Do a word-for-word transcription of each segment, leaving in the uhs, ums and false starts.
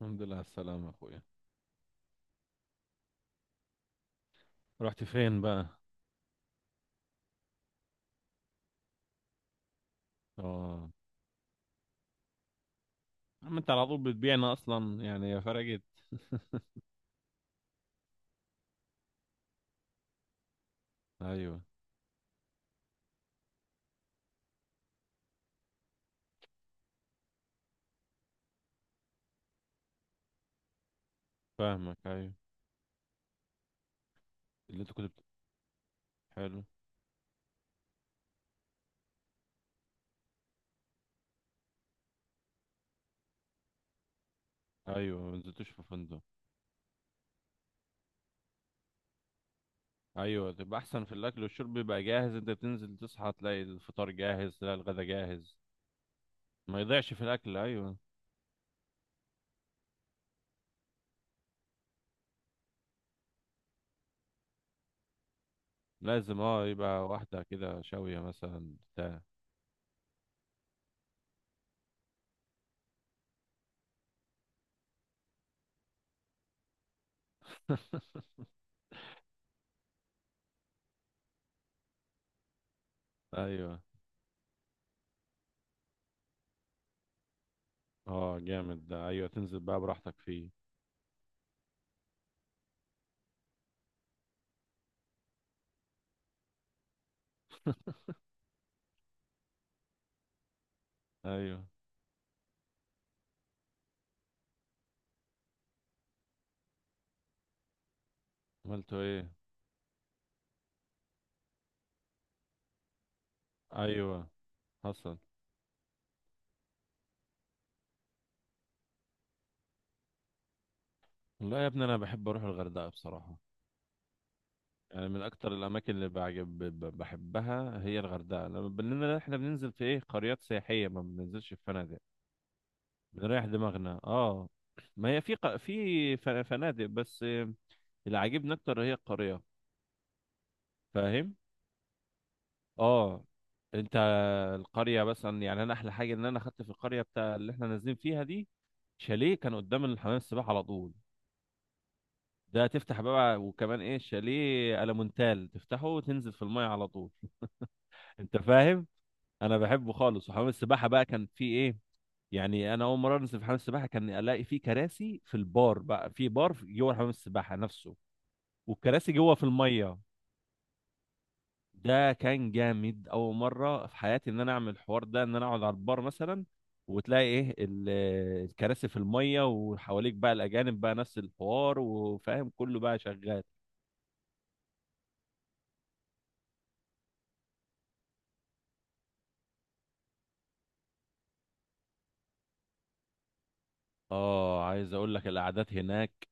الحمد لله على السلامة أخويا. رحت فين بقى؟ آه، عم أنت على طول بتبيعنا أصلا يعني يا فرقت. أيوه فاهمك. أيوه، اللي أنت كنت بت... حلو. أيوه، ما نزلتوش في فندق. أيوه، تبقى أحسن في الأكل والشرب بيبقى جاهز، أنت بتنزل تصحى تلاقي الفطار جاهز، تلاقي الغدا جاهز. ما يضيعش في الأكل، أيوه. لازم، أه يبقى واحدة كده شاوية مثلا بتاع. أيوه. أه، جامد ده. أيوه تنزل بقى براحتك فيه. أيوه، عملتوا إيه؟ أيوه، حصل. والله يا ابني انا بحب اروح الغردقه بصراحه. يعني من اكتر الاماكن اللي بعجب ب- بحبها هي الغردقه، لما بننا احنا بننزل في ايه قريات سياحيه، ما بننزلش في فنادق. بنريح دماغنا، اه. ما هي في ق... في فن- فنادق بس. اللي عاجبني اكتر هي القريه. فاهم، اه. انت، القريه مثلا، يعني انا احلى حاجه ان انا خدت في القريه بتاع اللي احنا نازلين فيها دي شاليه كان قدام الحمام السباحه على طول. ده تفتح بقى وكمان ايه، شاليه المونتال تفتحه وتنزل في الميه على طول. انت فاهم، انا بحبه خالص. وحمام السباحه بقى كان فيه ايه، يعني انا اول مره انزل في حمام السباحه كان الاقي فيه كراسي في البار بقى، في بار في- جوه حمام السباحه نفسه، والكراسي جوه في الميه. ده كان جامد، اول مره في حياتي ان انا اعمل الحوار ده، ان انا اقعد على البار مثلا، وتلاقي ايه ال- آه، الكراسي في الميه، وحواليك بقى الاجانب بقى نفس الحوار وفاهم كله بقى شغال. اه، عايز اقول لك القعدات هناك.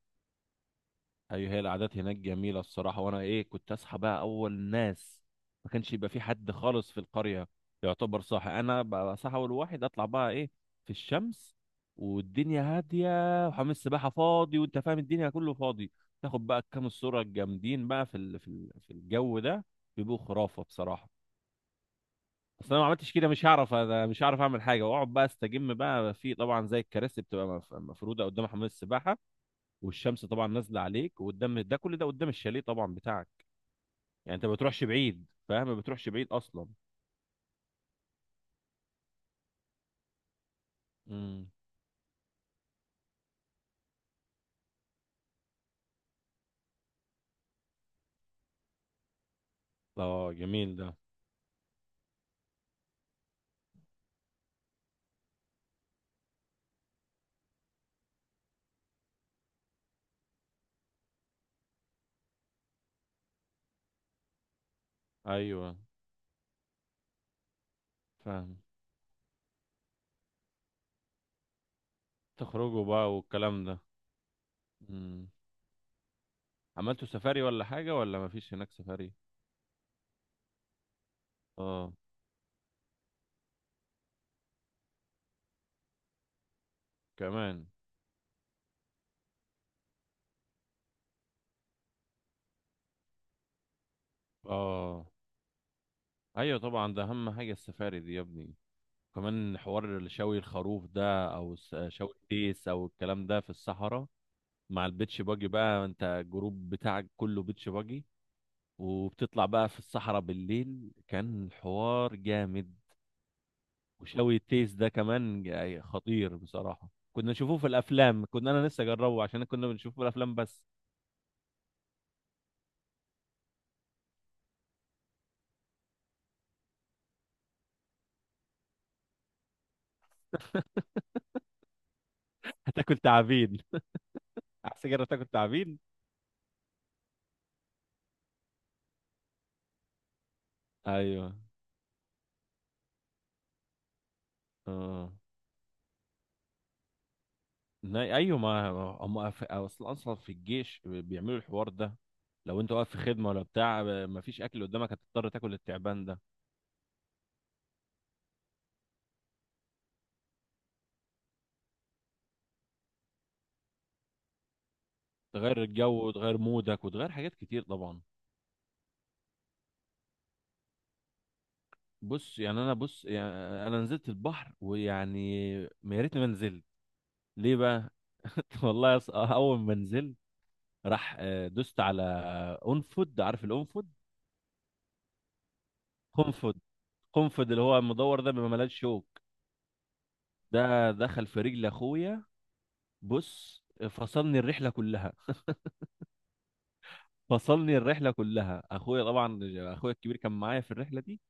ايوه، هي القعدات هناك جميله الصراحه. وانا ايه كنت اصحى بقى اول ناس، ما كانش يبقى في حد خالص في القريه. يعتبر صاحي، انا بقى صاحي اول واحد اطلع بقى ايه في الشمس، والدنيا هاديه وحمام السباحه فاضي وانت فاهم الدنيا كله فاضي. تاخد بقى كام الصوره الجامدين بقى في ال... في ال... في الجو ده، بيبقوا خرافه بصراحه. اصل انا ما عملتش كده، مش هعرف، انا مش هعرف اعمل حاجه واقعد بقى استجم بقى. في طبعا زي الكراسي بتبقى مف- مفروده قدام حمام السباحه، والشمس طبعا نازله عليك، وقدام ده كل ده قدام الشاليه طبعا بتاعك. يعني انت ما بتروحش بعيد، فاهم ما بتروحش بعيد اصلا. امم. اه، جميل ده. ايوه، فاهم. تخرجوا بقى والكلام ده. امم. عملتوا سفاري ولا حاجه ولا ما فيش هناك سفاري؟ اه، كمان، اه. ايوه طبعا، ده اهم حاجه السفاري دي يا ابني. كمان حوار شوي الخروف ده او الس- شوي التيس او الكلام ده في الصحراء. مع البيتش باجي بقى، انت الجروب بتاعك كله بيتش باجي، وبتطلع بقى في الصحراء بالليل، كان حوار جامد. وشوي التيس ده كمان جا- خطير بصراحة. كنا نشوفه في الأفلام، كنا أنا لسه أجربه عشان كنا بنشوفه في الأفلام بس. هتاكل تعابين. أحسن هتاكل تعابين. أيوه، آه. نا- أيوه ما. هم أف- أصلا أصلا في الجيش بيعملوا الحوار ده. لو أنت واقف في خدمة ولا بتاع مفيش أكل قدامك، هتضطر تاكل التعبان ده. تغير الجو وتغير مودك وتغير حاجات كتير طبعا. بص يعني انا، بص يعني انا نزلت البحر ويعني ما يا ريتني ما نزلت. ليه بقى؟ والله يص... اول ما نزلت راح، آه، دوست على اونفود، عارف الانفود؟ قنفد. قنفد اللي هو المدور ده بيبقى ملهاش شوك. ده دخل في رجل اخويا. بص، فصلني الرحله كلها. فصلني الرحله كلها اخويا طبعا. اخويا الكبير كان معايا في الرحله دي،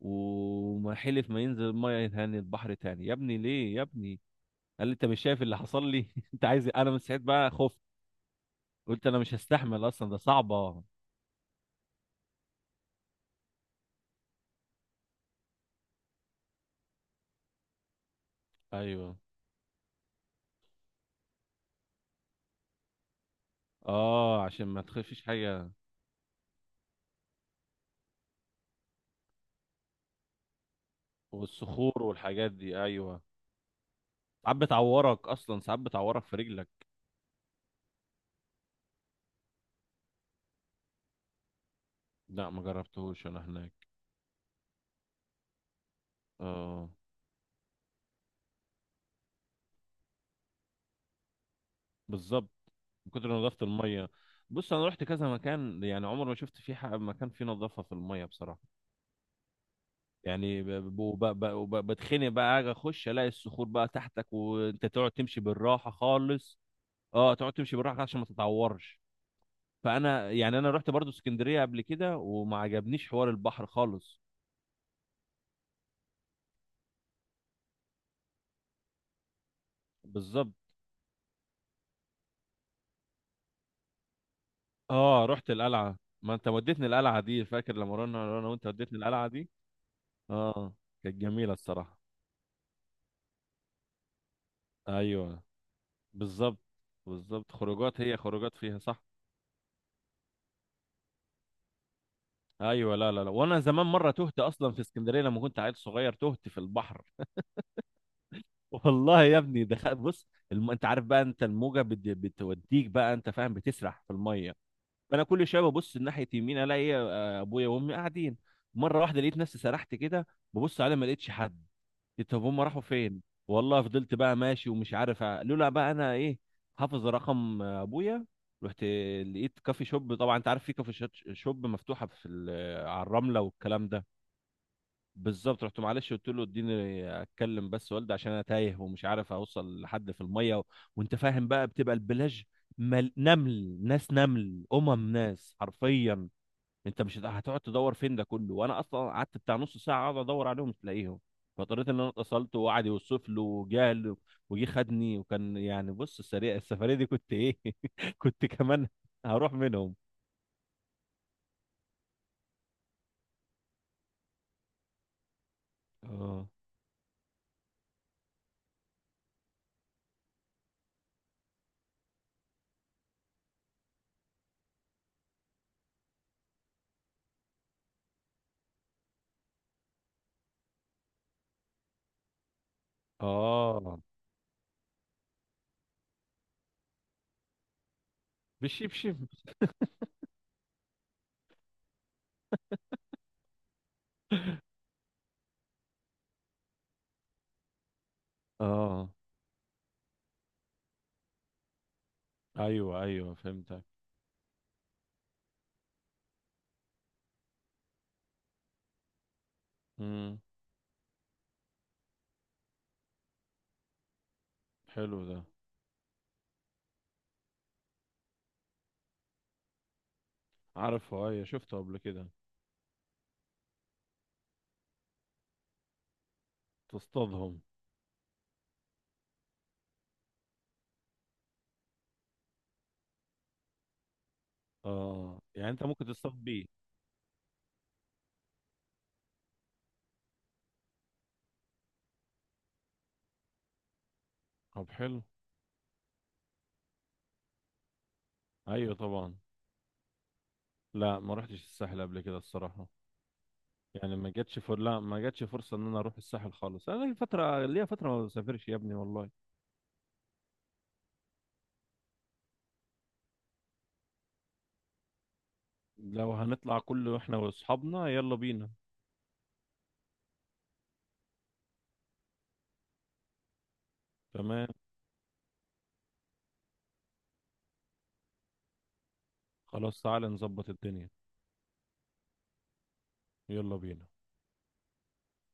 وما حلف ما ينزل الميه تاني، البحر تاني يا ابني. ليه يا ابني؟ قال لي: انت مش شايف اللي حصل لي؟ انت عايز إيه؟ انا من ساعتها بقى خفت. قلت انا مش هستحمل اصلا، ده صعبة. ايوه. اه، عشان ما تخافيش حاجة. والصخور والحاجات دي، ايوه. ساعات بتعورك اصلا، ساعات بتعورك في رجلك. لا ما جربتهوش انا هناك. اه، بالظبط، من كتر نظافة المية. بص انا رحت كذا مكان، يعني عمر ما شفت فيه حق- مكان فيه نظافة في المية بصراحة. يعني ب- ب- وب- ب- وب- بتخنق بقى، اجي اخش الاقي الصخور بقى تحتك، وانت تقعد تمشي بالراحة خالص. اه، تقعد تمشي بالراحة عشان ما تتعورش. فانا يعني انا رحت برضو اسكندريه قبل كده وما عجبنيش حوار البحر خالص. بالظبط. اه، رحت القلعه. ما انت وديتني القلعه دي، فاكر لما رحنا انا وانت وديتني القلعه دي؟ اه، كانت جميله الصراحه. ايوه، بالظبط. بالظبط، خروجات، هي خروجات فيها صح. ايوه. لا لا لا، وانا زمان مره تهت اصلا في اسكندريه لما كنت عيل صغير، تهت في البحر. والله يا ابني، دخل، بص الم... انت عارف بقى انت الموجه بت... بتوديك بقى انت فاهم بتسرح في الميه. فانا كل شويه ببص ناحيه يمين الاقي إيه، آه، ابويا وامي قاعدين. مره واحده لقيت نفسي سرحت كده، ببص عليهم ما لقيتش حد. قلت طب هم راحوا فين؟ والله فضلت بقى ماشي ومش عارف أ- لولا بقى انا ايه، حافظ رقم آه، ابويا، رحت لقيت كافي شوب. طبعا انت عارف في كافي شات- شوب مفتوحه في ال- على الرمله والكلام ده. بالظبط، رحت، معلش قلت له اديني اتكلم بس والدي عشان انا تايه ومش عارف اوصل لحد في الميه و... وانت فاهم بقى بتبقى البلاج مل... نمل، ناس نمل، امم، ناس حرفيا. انت مش هت- هتقعد تدور فين ده كله. وانا اصلا قعدت بتاع نص ساعه اقعد ادور عليهم مش لاقيهم. فاضطريت ان انا اتصلت وقعد يوصف له، وجه له، وجه خدني. وكان يعني بص السريع السفريه دي كنت ايه. كنت كمان هروح منهم. اه اه، بالشبشب. اه، ايوه ايوه فهمت. امم. حلو ده. عارفه ايوه، شفته قبل كده. تصطادهم. اه، يعني انت ممكن تصطاد بيه. طب حلو. ايوه طبعا. لا ما رحتش الساحل قبل كده الصراحه. يعني ما جاتش فر... لا ما جاتش فرصه ان انا اروح الساحل خالص. انا لي فتره ليا فتره ما بسافرش يا ابني والله. لو هنطلع كله احنا واصحابنا يلا بينا. تمام. خلاص تعالى نظبط الدنيا. يلا بينا.